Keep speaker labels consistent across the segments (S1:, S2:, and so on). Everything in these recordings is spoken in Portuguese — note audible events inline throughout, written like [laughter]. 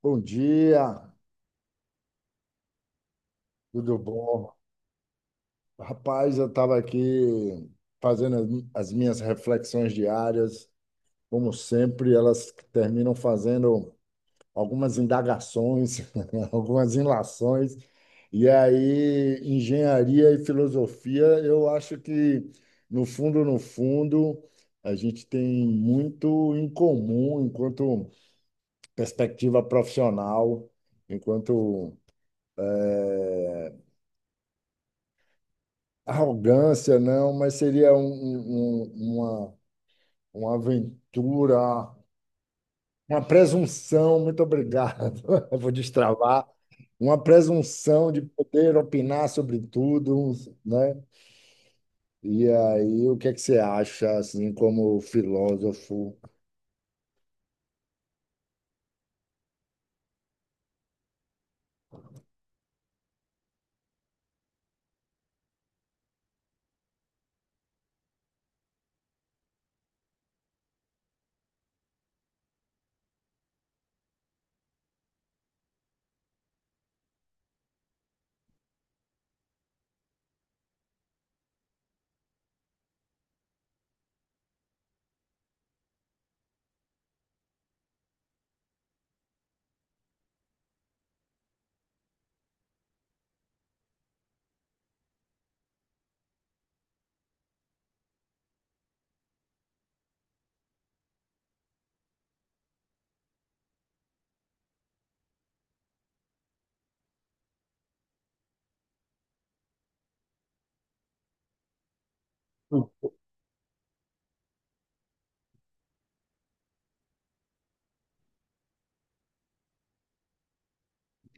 S1: Bom dia, tudo bom? Rapaz, eu estava aqui fazendo as minhas reflexões diárias. Como sempre, elas terminam fazendo algumas indagações, [laughs] algumas ilações. E aí, engenharia e filosofia, eu acho que, no fundo, no fundo, a gente tem muito em comum enquanto perspectiva profissional, enquanto eh, arrogância, não, mas seria uma aventura, uma presunção. Muito obrigado. [laughs] Eu vou destravar. Uma presunção de poder opinar sobre tudo, né? E aí, o que é que você acha, assim, como filósofo?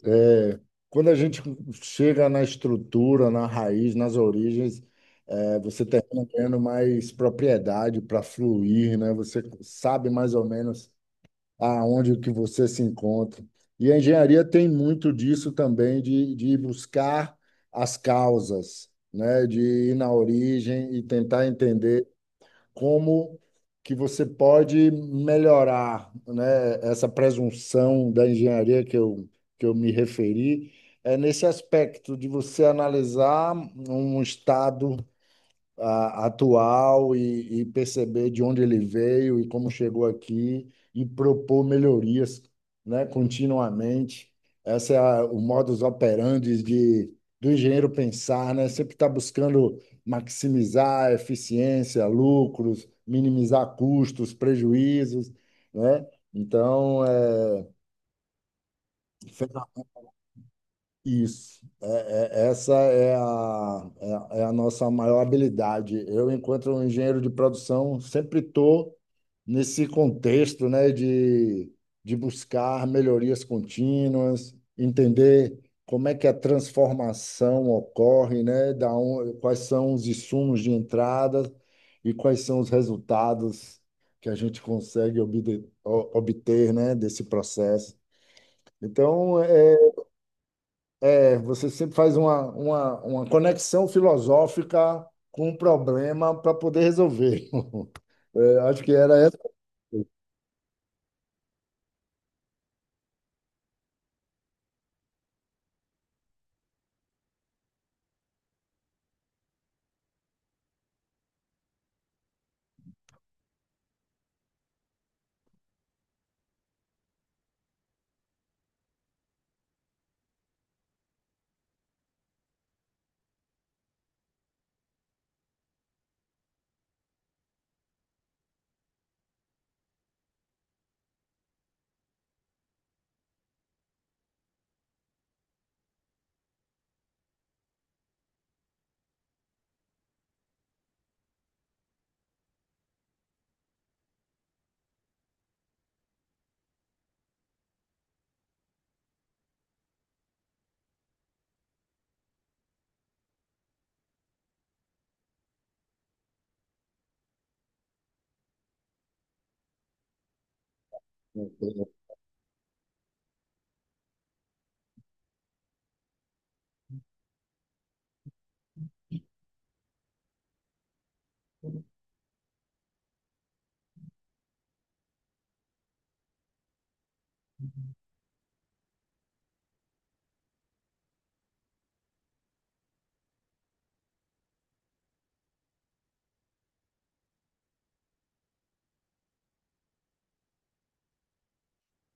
S1: É, quando a gente chega na estrutura, na raiz, nas origens, você termina ganhando mais propriedade para fluir, né? Você sabe mais ou menos aonde que você se encontra. E a engenharia tem muito disso também, de buscar as causas, né? De ir na origem e tentar entender como que você pode melhorar, né? Essa presunção da engenharia que eu me referi, é nesse aspecto de você analisar um estado atual e perceber de onde ele veio e como chegou aqui e propor melhorias, né, continuamente. Essa é o modus operandi do engenheiro pensar, né? Sempre está buscando maximizar a eficiência, lucros, minimizar custos, prejuízos, né? Então, isso. Essa é a nossa maior habilidade. Eu, enquanto um engenheiro de produção, sempre estou nesse contexto, né, de buscar melhorias contínuas, entender como é que a transformação ocorre, né, quais são os insumos de entrada e quais são os resultados que a gente consegue obter, né, desse processo. Então, você sempre faz uma conexão filosófica com um problema para poder resolver. [laughs] É, acho que era essa.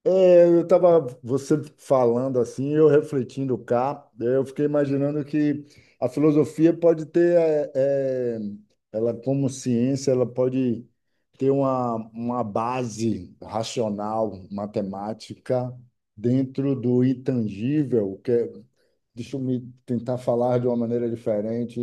S1: É, eu estava você falando assim, eu refletindo cá, eu fiquei imaginando que a filosofia pode ter, é, ela como ciência, ela pode ter uma base racional, matemática, dentro do intangível, que deixa eu me tentar falar de uma maneira diferente,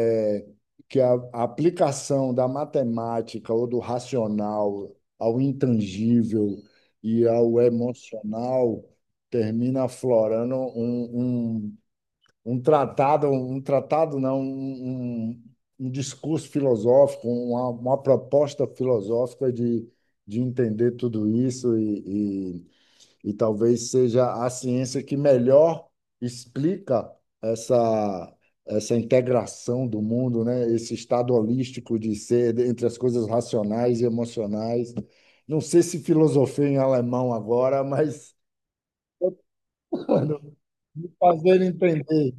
S1: é, que a aplicação da matemática ou do racional ao intangível e ao emocional termina aflorando um tratado não, um discurso filosófico, uma proposta filosófica de entender tudo isso e talvez seja a ciência que melhor explica essa, essa integração do mundo, né? Esse estado holístico de ser entre as coisas racionais e emocionais. Não sei se filosofei em alemão agora, mas [laughs] quando me fazer entender,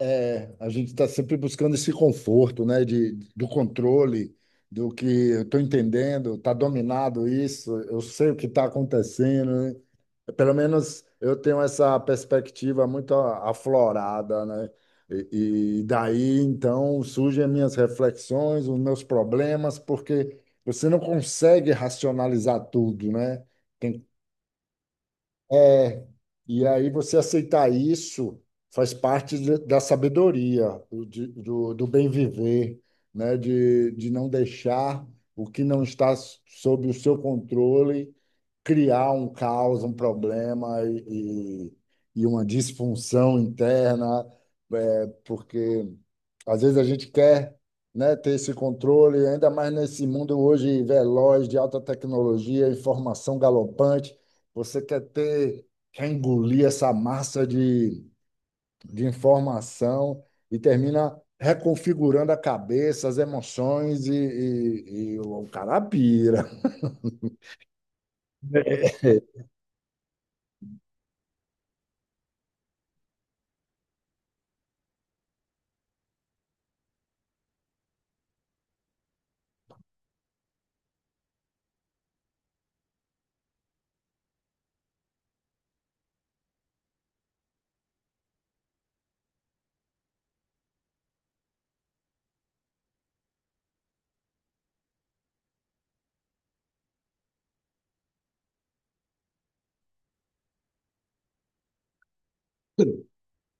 S1: a gente está sempre buscando esse conforto, né? Do controle, do que eu estou entendendo, está dominado isso, eu sei o que está acontecendo, né? Pelo menos eu tenho essa perspectiva muito aflorada, né? E daí então surgem as minhas reflexões, os meus problemas, porque você não consegue racionalizar tudo, né? Tem. é, e aí você aceitar isso faz parte da sabedoria, do bem viver, né? De não deixar o que não está sob o seu controle criar um caos, um problema e uma disfunção interna, porque às vezes a gente quer, né, ter esse controle, ainda mais nesse mundo hoje veloz de alta tecnologia, informação galopante. Você quer ter, quer engolir essa massa de informação e termina reconfigurando a cabeça, as emoções e o cara pira. [laughs]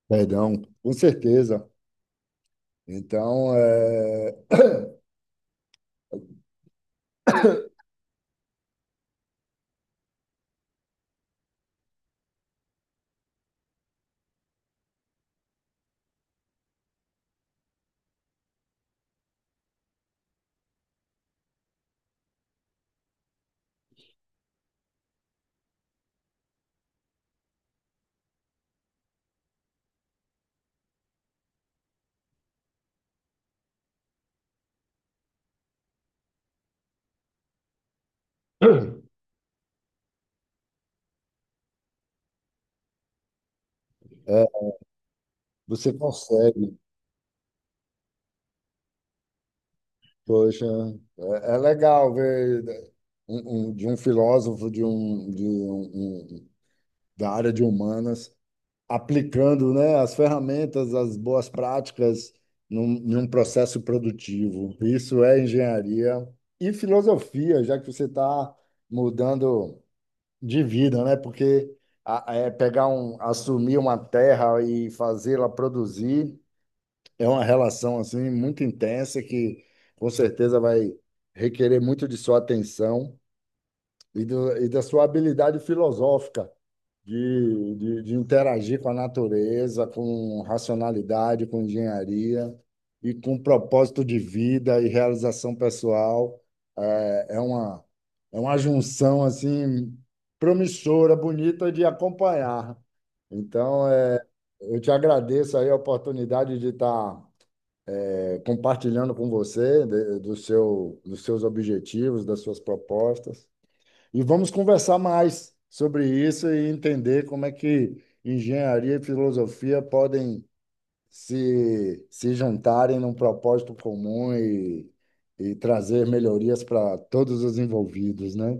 S1: Perdão, com certeza. Então, [coughs] é, você consegue. Poxa, é legal ver, né, de um filósofo um- da área de humanas aplicando, né, as ferramentas, as boas práticas num processo produtivo. Isso é engenharia e filosofia, já que você está mudando de vida, né? Porque é pegar um, assumir uma terra e fazê-la produzir é uma relação assim muito intensa que com certeza vai requerer muito de sua atenção e da sua habilidade filosófica de interagir com a natureza, com racionalidade, com engenharia e com propósito de vida e realização pessoal. É, é uma, é uma junção assim promissora, bonita de acompanhar. Então, eu te agradeço aí a oportunidade de estar compartilhando com você do seu, dos seus objetivos, das suas propostas. E vamos conversar mais sobre isso e entender como é que engenharia e filosofia podem se juntarem num propósito comum e trazer melhorias para todos os envolvidos, né?